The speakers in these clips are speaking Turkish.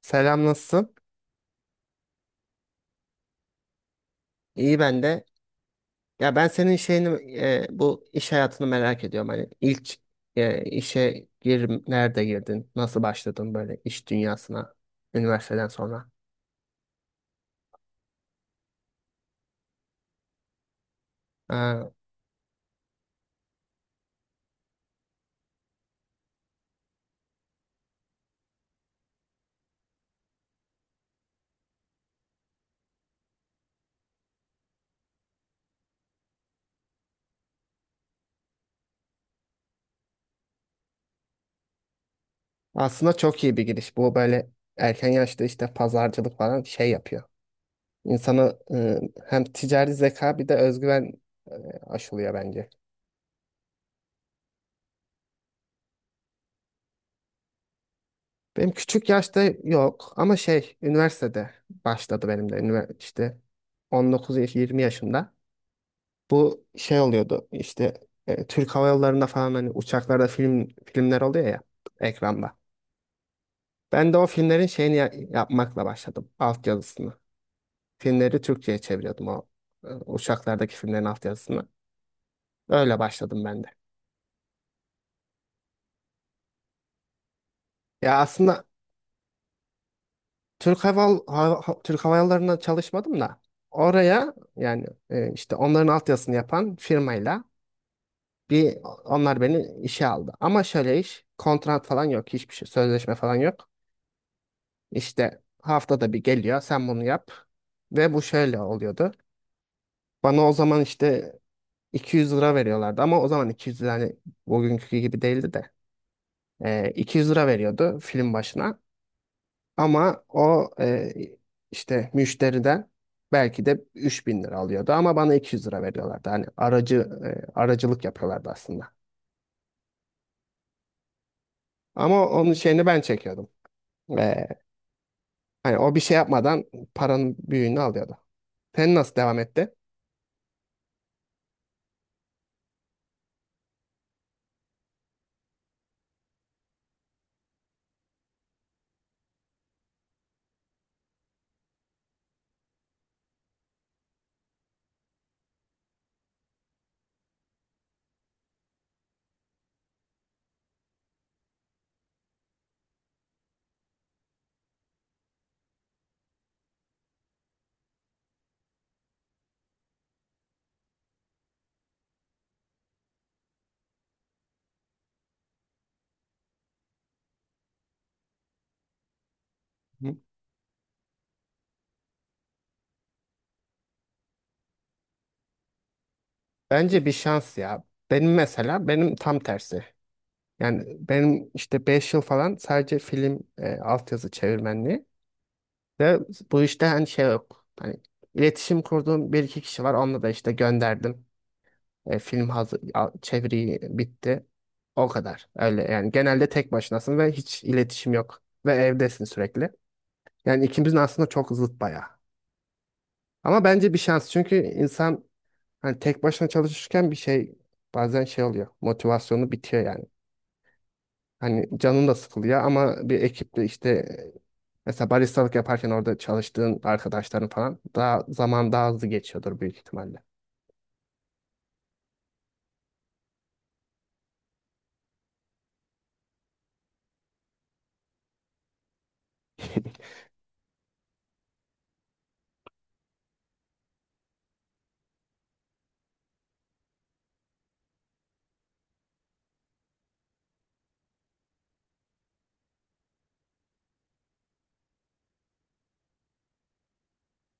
Selam, nasılsın? İyi ben de. Ya ben senin şeyini bu iş hayatını merak ediyorum. Hani ilk nerede girdin? Nasıl başladın böyle iş dünyasına üniversiteden sonra? Aa, aslında çok iyi bir giriş. Bu böyle erken yaşta işte pazarcılık falan şey yapıyor. İnsanı hem ticari zeka bir de özgüven e, aşılıyor bence. Benim küçük yaşta yok ama şey üniversitede başladı benim de üniversite işte 19 yaş 20 yaşında. Bu şey oluyordu işte Türk Hava Yolları'nda falan hani uçaklarda filmler oluyor ya ekranda. Ben de o filmlerin şeyini yapmakla başladım. Altyazısını. Filmleri Türkçe'ye çeviriyordum o uçaklardaki filmlerin altyazısını. Öyle başladım ben de. Ya aslında Türk Hava Yolları'nda çalışmadım da oraya yani işte onların altyazısını yapan firmayla bir onlar beni işe aldı. Ama şöyle iş kontrat falan yok, hiçbir şey sözleşme falan yok. İşte haftada bir geliyor, sen bunu yap ve bu şöyle oluyordu. Bana o zaman işte 200 lira veriyorlardı ama o zaman 200 lira hani bugünkü gibi değildi de. 200 lira veriyordu film başına ama o işte müşteriden belki de 3.000 lira alıyordu ama bana 200 lira veriyorlardı. Hani aracılık yapıyorlardı aslında. Ama onun şeyini ben çekiyordum. Ee, Hani o bir şey yapmadan paranın büyüğünü alıyordu. Sen nasıl devam etti? Hı. Bence bir şans ya. Benim mesela benim tam tersi. Yani benim işte 5 yıl falan sadece altyazı çevirmenliği. Ve bu işte hani şey yok. Hani iletişim kurduğum bir iki kişi var. Onunla da işte gönderdim. Film hazır, çeviri bitti. O kadar. Öyle yani genelde tek başınasın ve hiç iletişim yok. Ve evdesin sürekli. Yani ikimizin aslında çok zıt bayağı. Ama bence bir şans. Çünkü insan hani tek başına çalışırken bir şey, bazen şey oluyor. Motivasyonu bitiyor yani. Hani canın da sıkılıyor ama bir ekiple işte mesela baristalık yaparken orada çalıştığın arkadaşların falan daha hızlı geçiyordur büyük ihtimalle.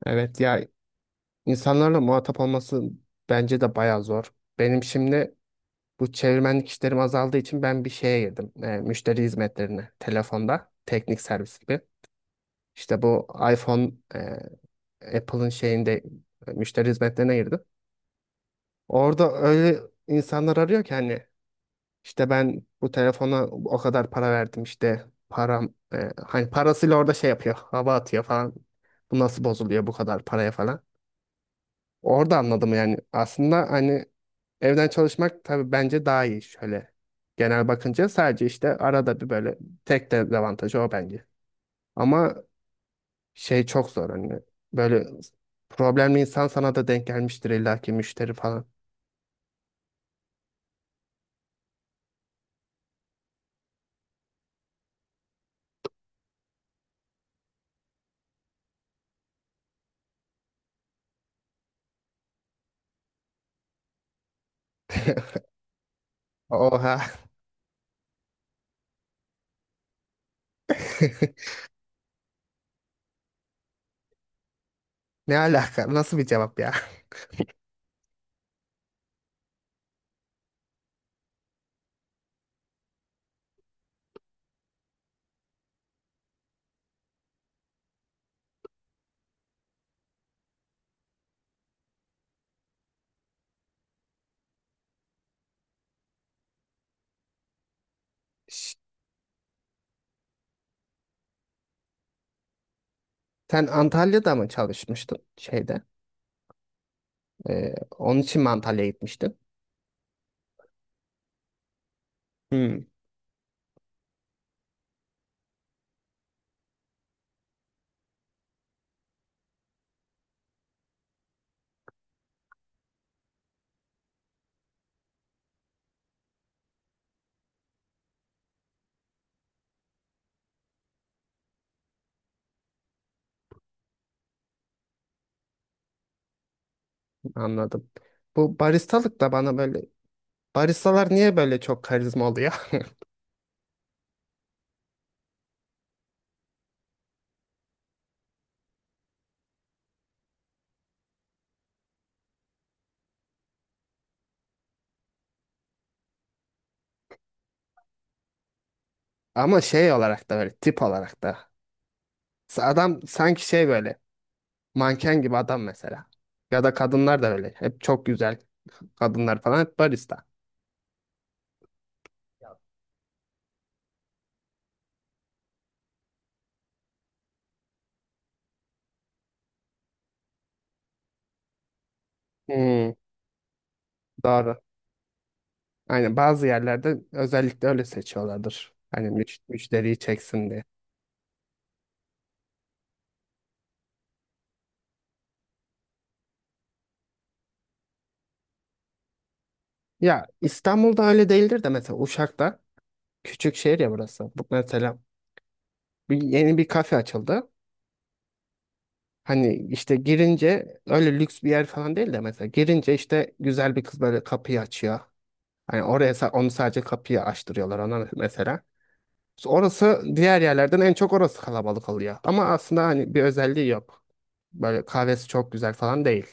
Evet ya, insanlarla muhatap olması bence de bayağı zor. Benim şimdi bu çevirmenlik işlerim azaldığı için ben bir şeye girdim. Müşteri hizmetlerine telefonda teknik servis gibi. İşte bu iPhone e, Apple'ın şeyinde müşteri hizmetlerine girdim. Orada öyle insanlar arıyor ki hani, İşte ben bu telefona o kadar para verdim, işte hani parasıyla orada şey yapıyor, hava atıyor falan. Bu nasıl bozuluyor bu kadar paraya falan. Orada anladım yani aslında hani evden çalışmak tabii bence daha iyi, şöyle genel bakınca sadece işte arada bir böyle, tek dezavantajı o bence. Ama şey çok zor hani, böyle problemli insan sana da denk gelmiştir illaki, müşteri falan. Oha. Ne alaka, nasıl bir cevap ya? Sen Antalya'da mı çalışmıştın şeyde? Onun için mi Antalya'ya gitmiştin? Hmm, anladım. Bu baristalık da bana böyle, baristalar niye böyle çok karizma oluyor? Ama şey olarak da, böyle tip olarak da. Adam sanki şey böyle manken gibi adam mesela. Ya da kadınlar da öyle. Hep çok güzel kadınlar falan, hep barista. Hmm, doğru. Aynen, bazı yerlerde özellikle öyle seçiyorlardır. Hani müşteriyi çeksin diye. Ya İstanbul'da öyle değildir de mesela Uşak'ta, küçük şehir ya burası. Bu mesela yeni bir kafe açıldı. Hani işte girince öyle lüks bir yer falan değil de, mesela girince işte güzel bir kız böyle kapıyı açıyor. Hani oraya onu sadece kapıyı açtırıyorlar ona mesela. Orası diğer yerlerden en çok orası kalabalık oluyor. Ama aslında hani bir özelliği yok. Böyle kahvesi çok güzel falan değil.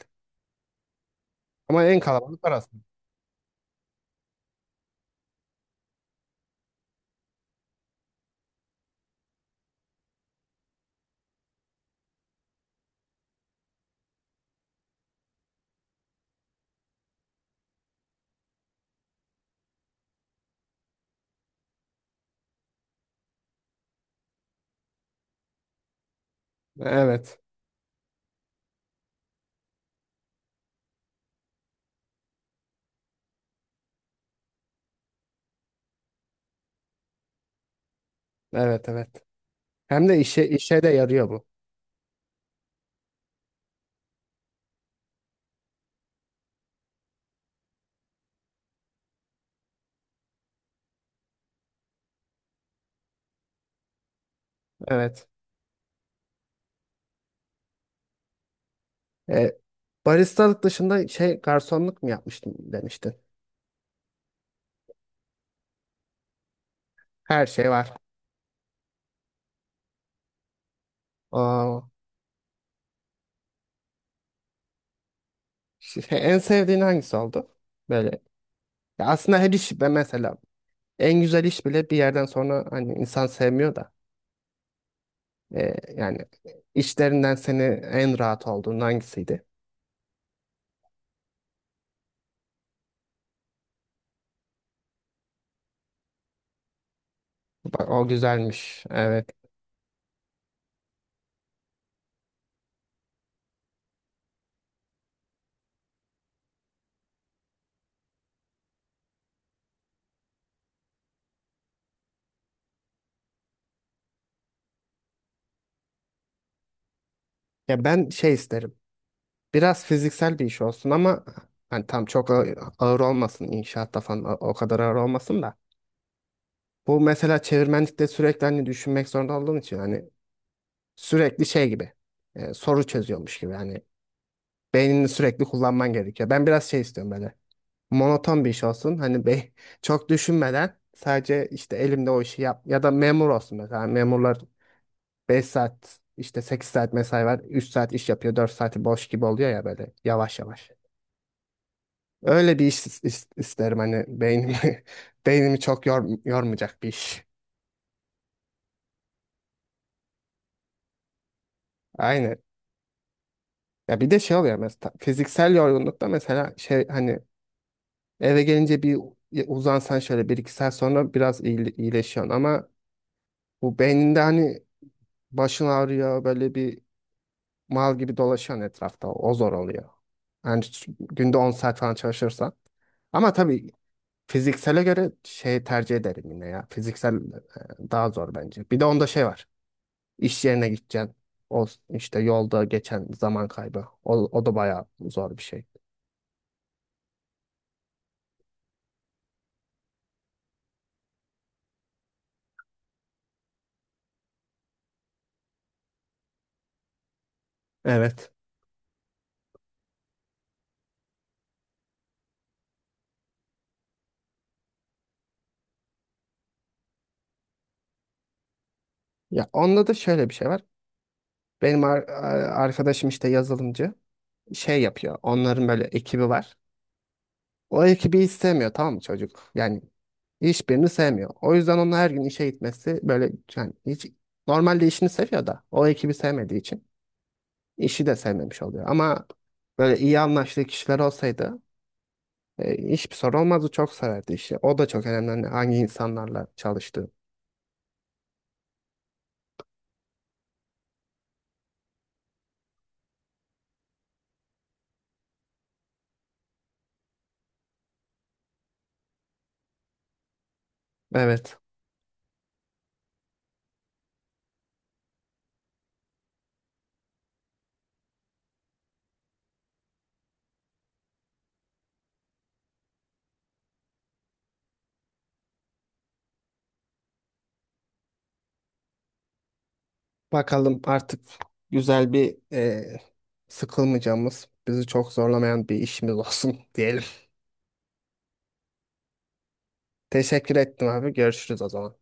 Ama en kalabalık orası. Evet. Evet, evet. Hem de işe de yarıyor bu. Evet. E, baristalık dışında şey garsonluk mu yapmıştım demiştin. Her şey var. Aa, şey, en sevdiğin hangisi oldu? Böyle. Ya aslında her iş be mesela, en güzel iş bile bir yerden sonra hani insan sevmiyor da. Yani işlerinden seni en rahat olduğun hangisiydi? Bak o güzelmiş. Evet. Ya ben şey isterim. Biraz fiziksel bir iş olsun ama hani tam çok ağır olmasın, inşaatta falan o kadar ağır olmasın da. Bu mesela çevirmenlikte sürekli hani düşünmek zorunda olduğum için hani sürekli şey gibi, soru çözüyormuş gibi, hani beynini sürekli kullanman gerekiyor. Ben biraz şey istiyorum, böyle monoton bir iş olsun hani çok düşünmeden sadece işte elimde o işi yap, ya da memur olsun mesela. Hani, memurlar 5 saat işte 8 saat mesai var, 3 saat iş yapıyor, 4 saati boş gibi oluyor ya, böyle yavaş yavaş. Öyle bir iş isterim, hani beynimi beynimi çok yormayacak bir iş. Aynen. Ya bir de şey oluyor mesela fiziksel yorgunlukta, mesela şey hani eve gelince bir uzansan şöyle bir iki saat sonra biraz iyileşiyorsun ama bu beyninde hani, başın ağrıyor, böyle bir mal gibi dolaşıyorsun etrafta, o zor oluyor. Yani günde 10 saat falan çalışırsan. Ama tabii fiziksele göre şey tercih ederim yine ya. Fiziksel daha zor bence. Bir de onda şey var. İş yerine gideceksin. O işte yolda geçen zaman kaybı. O da bayağı zor bir şey. Evet. Ya onda da şöyle bir şey var. Benim arkadaşım işte yazılımcı şey yapıyor. Onların böyle ekibi var. O ekibi hiç sevmiyor, tamam mı çocuk? Yani hiçbirini sevmiyor. O yüzden onun her gün işe gitmesi böyle, yani hiç, normalde işini seviyor da o ekibi sevmediği için işi de sevmemiş oluyor. Ama böyle iyi anlaştığı kişiler olsaydı hiçbir sorun olmazdı. Çok severdi işi. O da çok önemli, hani hangi insanlarla çalıştığı. Evet. Bakalım artık güzel bir, sıkılmayacağımız, bizi çok zorlamayan bir işimiz olsun diyelim. Teşekkür ettim abi. Görüşürüz o zaman.